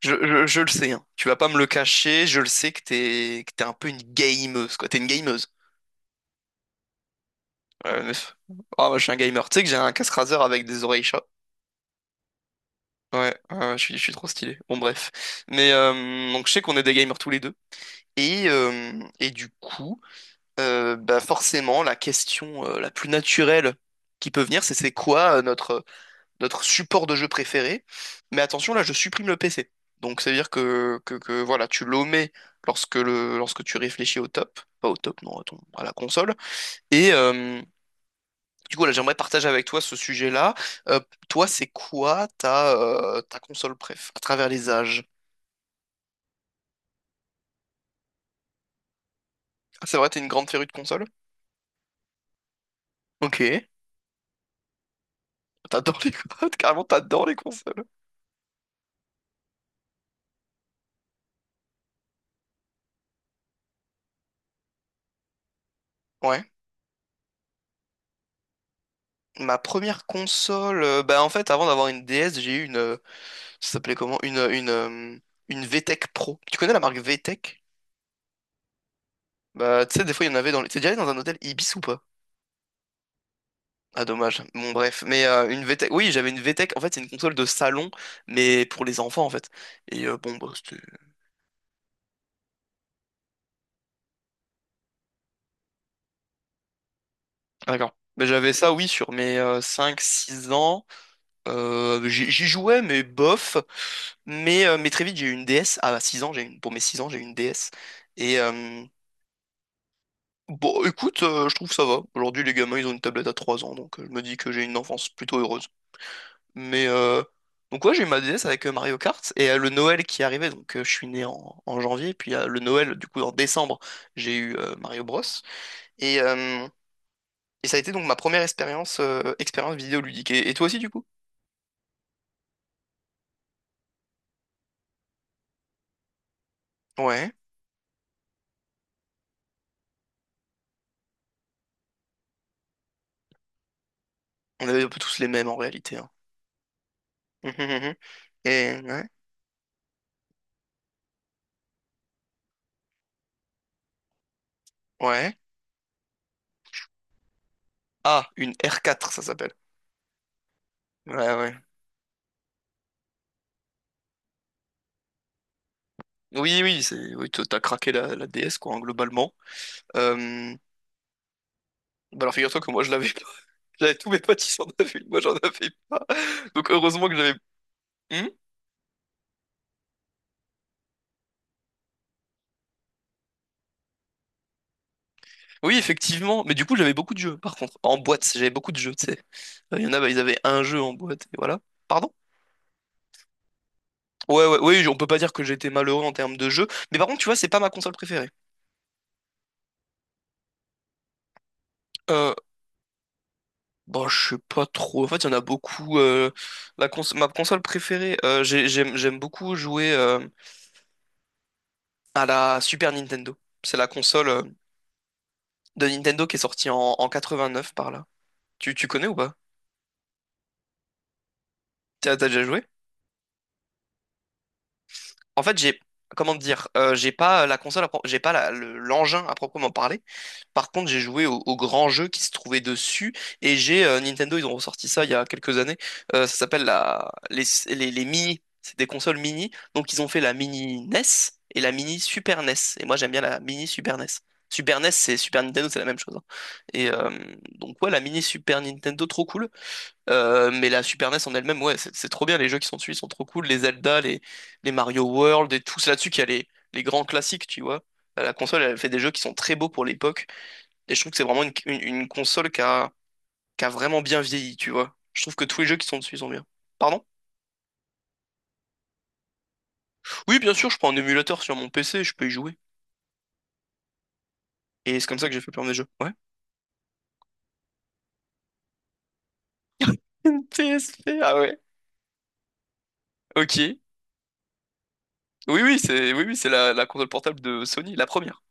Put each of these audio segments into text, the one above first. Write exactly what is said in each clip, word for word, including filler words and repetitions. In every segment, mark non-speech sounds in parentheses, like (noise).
Je, je- je le sais, hein. Tu vas pas me le cacher, je le sais que t'es que t'es un peu une gameuse, quoi. T'es une gameuse. Ouais, mais- Ah, moi, je suis un gamer. Tu sais que j'ai un casse raser avec des oreilles chat. Ouais, ouais, je suis, je suis trop stylé. Bon, bref. Mais euh, donc, je sais qu'on est des gamers tous les deux. Et, euh, et du coup, euh, bah forcément, la question euh, la plus naturelle qui peut venir, c'est c'est quoi euh, notre, notre support de jeu préféré. Mais attention, là, je supprime le p c. Donc, ça veut dire que, que, que, voilà, tu l'omets lorsque, le, lorsque tu réfléchis au top, pas au top, non, à, ton- à la console. Et euh, du coup, là, j'aimerais partager avec toi ce sujet-là. Euh, Toi, c'est quoi ta, euh, ta console préf, à travers les âges? Ah, c'est vrai, t'es une grande férue de console? Ok. T'adores les... (laughs) Carrément, t'adores les consoles. Ouais. Ma première console, euh, bah en fait, avant d'avoir une d s, j'ai eu une, euh, ça s'appelait comment? Une, euh, une, euh, une VTech Pro. Tu connais la marque VTech? Bah, tu sais, des fois, il y en avait dans les... T'es déjà allé dans un hôtel Ibis ou pas? Ah, dommage. Bon, bref. Mais euh, une VTech... Oui, j'avais une VTech. En fait, c'est une console de salon, mais pour les enfants, en fait. Et euh, bon, bah, c'était. D'accord. Mais j'avais ça, oui, sur mes euh, cinq six ans. Euh, j'y j'y jouais, mais bof. Mais, euh, mais très vite, j'ai eu une d s. À six ans, j'ai une... pour mes six ans, j'ai eu une d s. Et, euh, Bon, écoute, euh, je trouve que ça va. Aujourd'hui, les gamins, ils ont une tablette à trois ans, donc euh, je me dis que j'ai une enfance plutôt heureuse. Mais euh, donc ouais, j'ai eu ma d s avec euh, Mario Kart et euh, le Noël qui arrivait, donc euh, je suis né en, en janvier, puis euh, le Noël, du coup, en décembre, j'ai eu euh, Mario Bros. Et, euh, et ça a été donc ma première expérience euh, expérience vidéoludique. Et, et toi aussi, du coup? Ouais. On avait un peu tous les mêmes en réalité, hein. Mhm, mhm. Et ouais. Ouais. Ah, une r quatre, ça s'appelle. Ouais, ouais. Oui, oui, c'est, oui, t'as t'as craqué la, la d s, quoi, hein, globalement. Euh, Bah alors figure-toi que moi je l'avais pas. (laughs) J'avais tous mes potes qui en avaient une, moi j'en avais pas. Donc heureusement que j'avais. Hmm, oui, effectivement. Mais du coup j'avais beaucoup de jeux par contre. En boîte, j'avais beaucoup de jeux, tu sais. Euh, Il y en a, bah, ils avaient un jeu en boîte, et voilà. Pardon? Ouais, ouais, oui, on peut pas dire que j'étais malheureux en termes de jeux. Mais par contre, tu vois, c'est pas ma console préférée. Euh, bon, je sais pas trop. En fait, il y en a beaucoup. euh, la cons- ma console préférée, euh, j'ai- j'aime, j'aime beaucoup jouer euh, à la Super Nintendo. C'est la console euh, de Nintendo qui est sortie en, en quatre-vingt-neuf par là. Tu, tu connais ou pas? T'as t'as déjà joué? En fait, j'ai, comment dire, euh, j'ai pas la console, à pro- j'ai pas la- le- l'engin à proprement parler. Par contre, j'ai joué au, au grand jeu qui se trouvait dessus et j'ai euh, Nintendo, ils ont ressorti ça il y a quelques années. Euh, ça s'appelle la, les, les, les mini. C'est des consoles mini. Donc, ils ont fait la mini n e s et la mini Super n e s. Et moi, j'aime bien la mini Super n e s. Super n e s, c'est Super Nintendo, c'est la même chose, hein. Et euh, donc, ouais, la mini Super Nintendo, trop cool. Euh, mais la Super n e s en elle-même, ouais, c'est c'est trop bien. Les jeux qui sont dessus, ils sont trop cool. Les Zelda, les, les Mario World et tout. C'est là-dessus qu'il y a les, les grands classiques, tu vois. Bah, La console, elle fait des jeux qui sont très beaux pour l'époque. Et je trouve que c'est vraiment une, une, une console qui a, qui a vraiment bien vieilli, tu vois. Je trouve que tous les jeux qui sont dessus, ils sont bien. Pardon? Oui, bien sûr, je prends un émulateur sur mon p c, je peux y jouer. Et c'est comme ça que j'ai fait plein de jeux. Ouais. (laughs) Une p s p, ah ouais. Ok. Oui, oui, c'est, oui, oui, c'est la, la console portable de Sony, la première.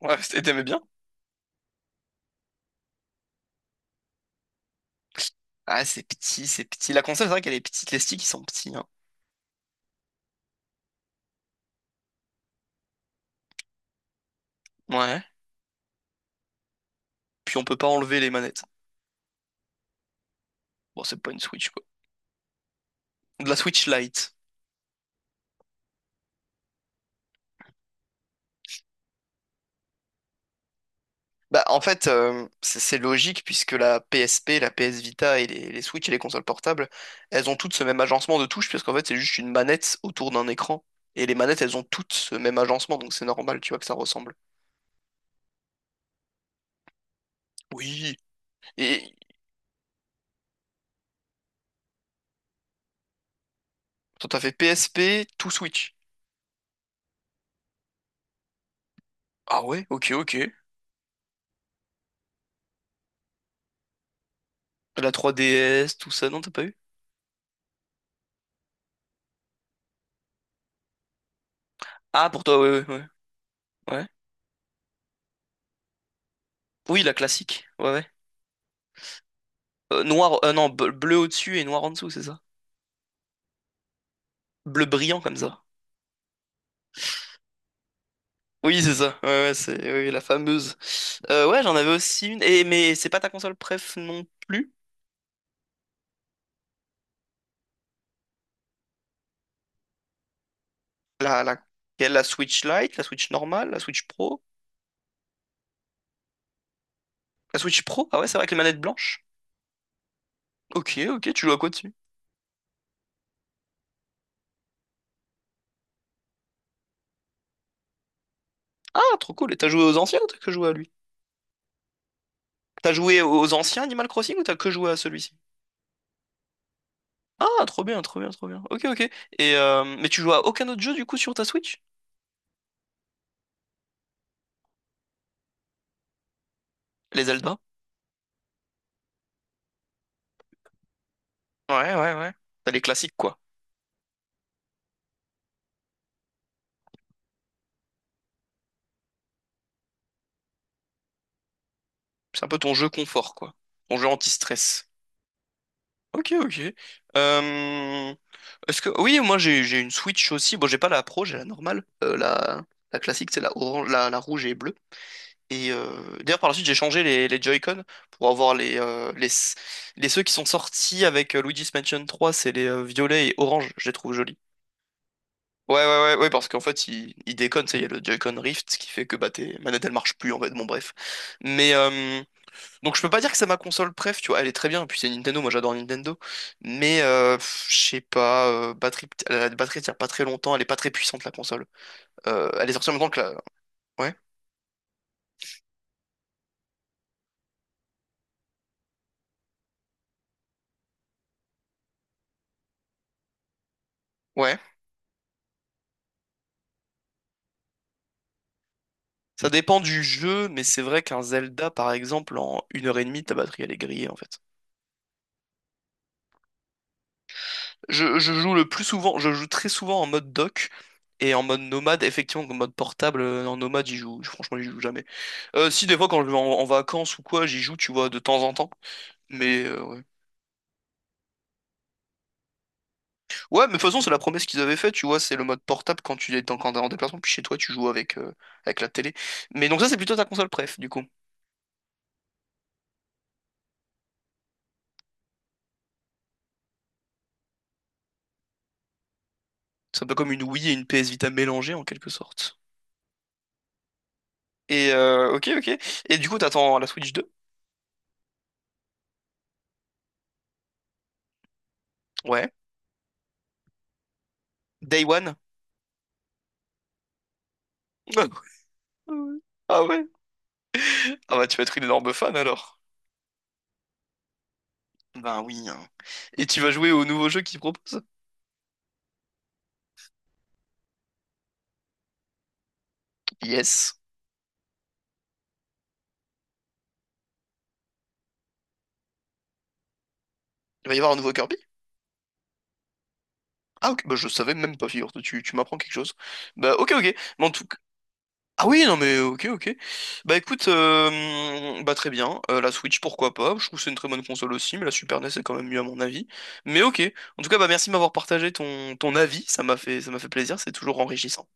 Ouais, (laughs) c'était- t'aimais bien? Ah, c'est petit, c'est petit. La console, c'est vrai qu'elle est petite, les sticks, ils sont petits, hein. Ouais. Puis on peut pas enlever les manettes. Bon, c'est pas une Switch, quoi. De la Switch Lite. Bah, en fait, euh, c'est c'est logique puisque la p s p, la p s Vita et les, les Switch et les consoles portables, elles ont toutes ce même agencement de touches puisqu'en fait, c'est juste une manette autour d'un écran. Et les manettes, elles ont toutes ce même agencement, donc c'est normal, tu vois, que ça ressemble. Oui. Et toi, t'as fait p s p, tout Switch. Ah ouais, ok, ok. La trois d s, tout ça, non, t'as pas eu? Ah, pour toi, ouais, ouais, ouais. Ouais. Oui, la classique. Ouais, ouais. Euh, noir, euh, non, bleu bleu au-dessus et noir en dessous, c'est ça? Bleu brillant comme ça. Oui, c'est ça. Ouais, ouais, c'est oui, la fameuse. Euh, ouais, j'en avais aussi une. Et, mais c'est pas ta console préf non plus? La, la, quelle, la Switch Lite, la Switch normale, la Switch Pro? La Switch Pro? Ah ouais, c'est vrai avec les manettes blanches. Ok, ok, tu joues à quoi dessus? Ah, trop cool. Et t'as joué aux anciens ou t'as que joué à lui? T'as joué aux anciens Animal Crossing ou t'as que joué à celui-ci? Ah, trop bien, trop bien, trop bien. Ok, ok. Et euh, mais tu joues à aucun autre jeu du coup sur ta Switch? Les Zelda? Ouais, ouais, ouais. T'as les classiques, quoi. C'est un peu ton jeu confort, quoi. Ton jeu anti-stress. Ok, ok. Euh, Est-ce que... Oui, moi, j'ai, j'ai une Switch aussi. Bon, j'ai pas la Pro, j'ai la normale. Euh, la... la classique, c'est la orange, la... la rouge et bleue. Et euh, d'ailleurs, par la suite, j'ai changé les, les Joy-Con pour avoir les, euh, les... les ceux qui sont sortis avec euh, Luigi's Mansion trois, c'est les euh, violets et orange. Je les trouve jolis. Ouais, ouais, ouais, ouais, parce qu'en fait, il, il déconne, tu sais, il y a le Joy-Con Rift, ce qui fait que bah, tes manettes, elles marchent plus, en fait, bon, bref. Mais, euh, Donc je peux pas dire que c'est ma console préf, tu vois, elle est très bien, et puis c'est Nintendo, moi j'adore Nintendo, mais euh, pff, je sais pas, euh, batterie, la batterie tient pas très longtemps, elle est pas très puissante la console. Euh, elle est sortie en même temps que la. Ouais, ouais. Ça dépend du jeu, mais c'est vrai qu'un Zelda, par exemple, en une heure et demie, ta batterie elle est grillée en fait. Je, je joue le plus souvent, je joue très souvent en mode dock, et en mode nomade, effectivement, en mode portable, euh, en nomade, j'y joue, franchement j'y joue jamais. Euh, si, des fois quand je vais en, en vacances ou quoi, j'y joue, tu vois, de temps en temps, mais euh, ouais. Ouais, mais de toute façon, c'est la promesse qu'ils avaient faite, tu vois, c'est le mode portable quand tu es en, quand t'es en déplacement, puis chez toi, tu joues avec, euh, avec la télé. Mais donc ça, c'est plutôt ta console préf, du coup. C'est un peu comme une Wii et une p s Vita mélangées, en quelque sorte. Et, euh, ok, ok. Et du coup, t'attends la Switch deux? Ouais. Day One? (laughs) Ah ouais? Ah bah, tu vas être une énorme fan, alors. Ben oui, hein. Et tu vas jouer au nouveau jeu qu'ils proposent? Yes. Il va y avoir un nouveau Kirby? Ah ok, bah je savais même pas, figure, tu, tu m'apprends quelque chose. Bah ok, ok. Mais en tout Ah oui, non mais ok, ok. Bah écoute, euh, bah très bien. Euh, la Switch, pourquoi pas. Je trouve que c'est une très bonne console aussi, mais la Super n e s est quand même mieux à mon avis. Mais ok. En tout cas, bah merci de m'avoir partagé ton, ton avis. Ça m'a fait, ça m'a fait plaisir. C'est toujours enrichissant.